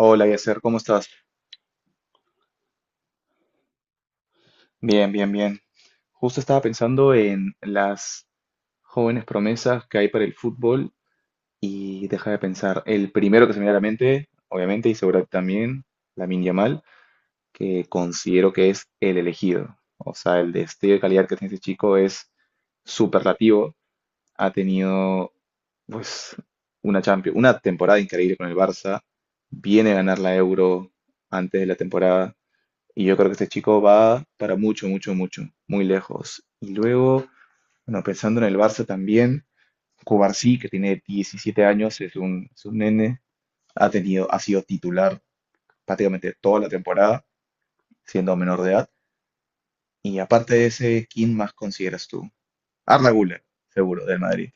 Hola, Yasser, ¿cómo estás? Bien. Justo estaba pensando en las jóvenes promesas que hay para el fútbol y deja de pensar. El primero que se me viene a la mente, obviamente, y seguramente también, Lamine Yamal, que considero que es el elegido. O sea, el destello de calidad que tiene este chico es superlativo. Ha tenido, pues, una Champions, una temporada increíble con el Barça. Viene a ganar la Euro antes de la temporada. Y yo creo que este chico va para mucho, muy lejos. Y luego, bueno, pensando en el Barça también, Cubarsí, que tiene 17 años, es un nene, ha sido titular prácticamente toda la temporada, siendo menor de edad. Y aparte de ese, ¿quién más consideras tú? Arda Güler, seguro, del Madrid.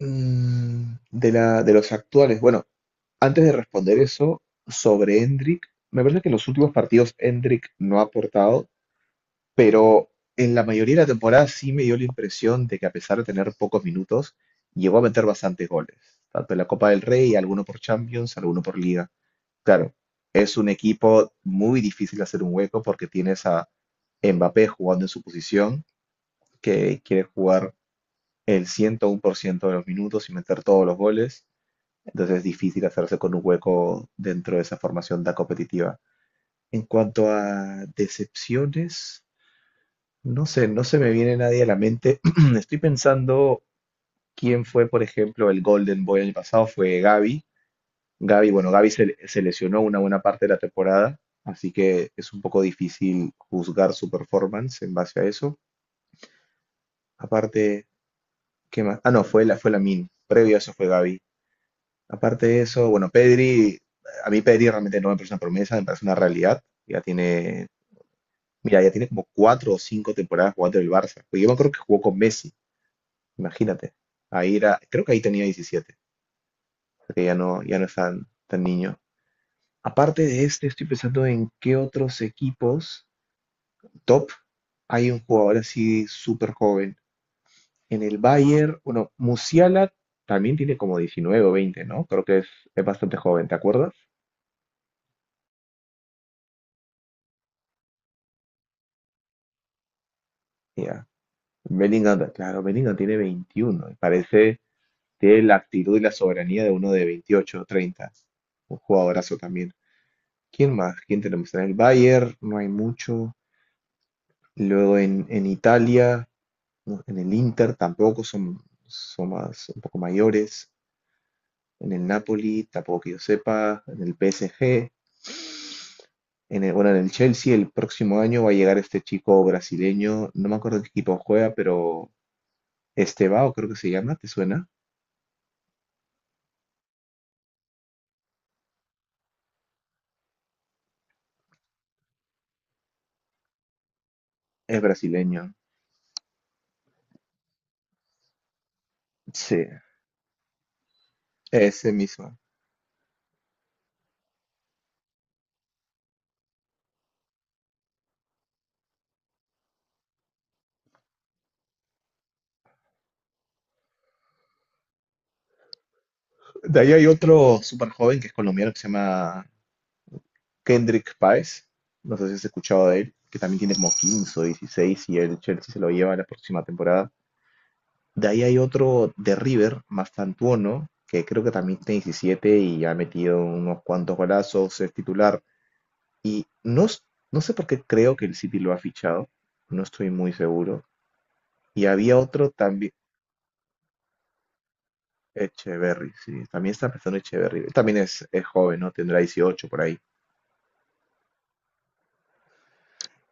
De los actuales, bueno, antes de responder eso, sobre Endrick, me parece que en los últimos partidos Endrick no ha aportado, pero en la mayoría de la temporada sí me dio la impresión de que, a pesar de tener pocos minutos, llegó a meter bastantes goles, tanto en la Copa del Rey, alguno por Champions, alguno por Liga. Claro, es un equipo muy difícil de hacer un hueco porque tienes a Mbappé jugando en su posición, que quiere jugar el 101% de los minutos y meter todos los goles. Entonces es difícil hacerse con un hueco dentro de esa formación tan competitiva. En cuanto a decepciones, no sé, no se me viene nadie a la mente. Estoy pensando quién fue, por ejemplo, el Golden Boy el año pasado, fue Gavi. Gavi, bueno, Gavi se lesionó una buena parte de la temporada, así que es un poco difícil juzgar su performance en base a eso. Aparte, ¿qué más? Ah, no, fue la, fue Min, previo a eso fue Gavi. Aparte de eso, bueno, Pedri, a mí Pedri realmente no me parece una promesa, me parece una realidad. Ya tiene, mira, ya tiene como cuatro o cinco temporadas jugando en el Barça. Porque yo me acuerdo que jugó con Messi. Imagínate. Ahí era, creo que ahí tenía 17, porque ya no, ya no es tan niño. Aparte de este, estoy pensando en qué otros equipos top hay un jugador así súper joven. En el Bayern, bueno, Musiala también tiene como 19, o 20, ¿no? Creo que es bastante joven, ¿te acuerdas? Ya. Bellingham, claro, Bellingham tiene veintiuno, y parece, tiene la actitud y la soberanía de uno de 28, o 30. Un jugadorazo también. ¿Quién más? ¿Quién tenemos? En el Bayern no hay mucho. Luego en Italia, ¿no? En el Inter tampoco son, son más, un poco mayores. En el Napoli, tampoco que yo sepa. En el PSG, bueno, en el Chelsea el próximo año va a llegar este chico brasileño. No me acuerdo en qué equipo juega, pero Estevao creo que se llama, ¿te suena? Es brasileño. Sí, ese mismo. De ahí hay otro súper joven que es colombiano que se llama Kendrick Páez, no sé si has escuchado de él, que también tiene como 15 o 16 y el Chelsea se lo lleva la próxima temporada. De ahí hay otro de River, Mastantuono, que creo que también tiene 17 y ha metido unos cuantos golazos, es titular. Y no, no sé por qué creo que el City lo ha fichado, no estoy muy seguro. Y había otro también, Echeverry, sí, también está empezando Echeverry. Él también es joven, ¿no? Tendrá 18 por ahí.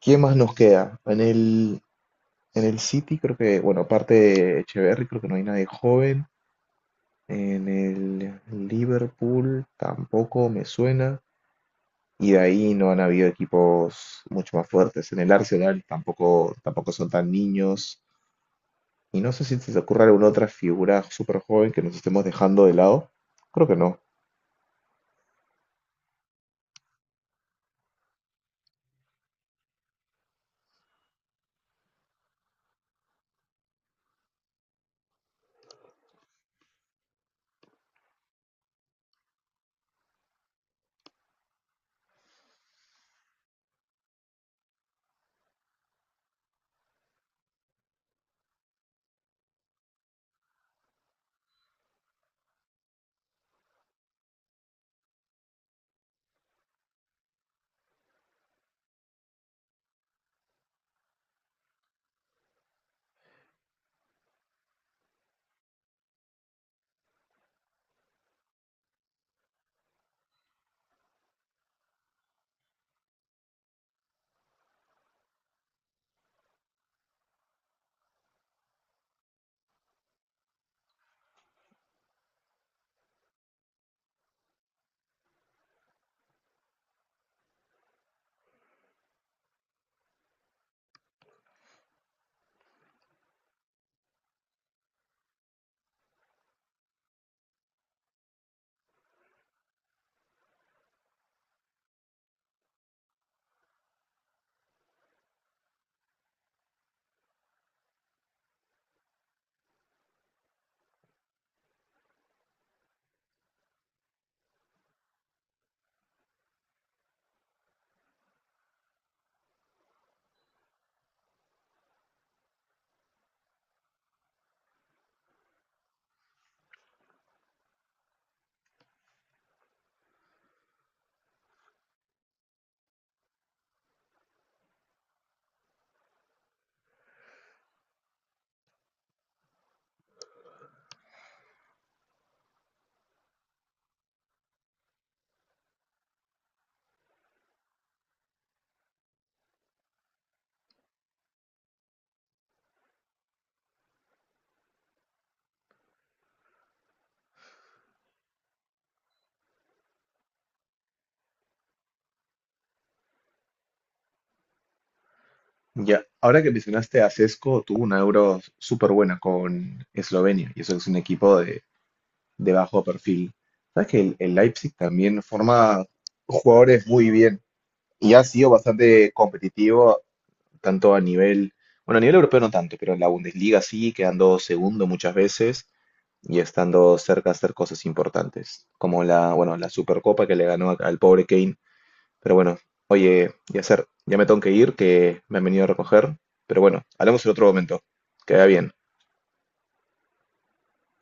¿Quién más nos queda? En el City creo que, bueno, aparte de Echeverry, creo que no hay nadie joven. En el Liverpool tampoco me suena. Y de ahí no han habido equipos mucho más fuertes. En el Arsenal tampoco, tampoco son tan niños. Y no sé si se te ocurre alguna otra figura súper joven que nos estemos dejando de lado. Creo que no. Ya, ahora que mencionaste a Sesco, tuvo una Euro súper buena con Eslovenia. Y eso es un equipo de bajo perfil. Sabes que el Leipzig también forma jugadores muy bien y ha sido bastante competitivo, tanto a nivel, bueno, a nivel europeo no tanto, pero en la Bundesliga sí, quedando segundo muchas veces y estando cerca de hacer cosas importantes, como la, bueno, la Supercopa que le ganó al pobre Kane. Pero bueno, oye, Yasser, ya me tengo que ir, que me han venido a recoger. Pero bueno, hablamos en otro momento. Queda bien.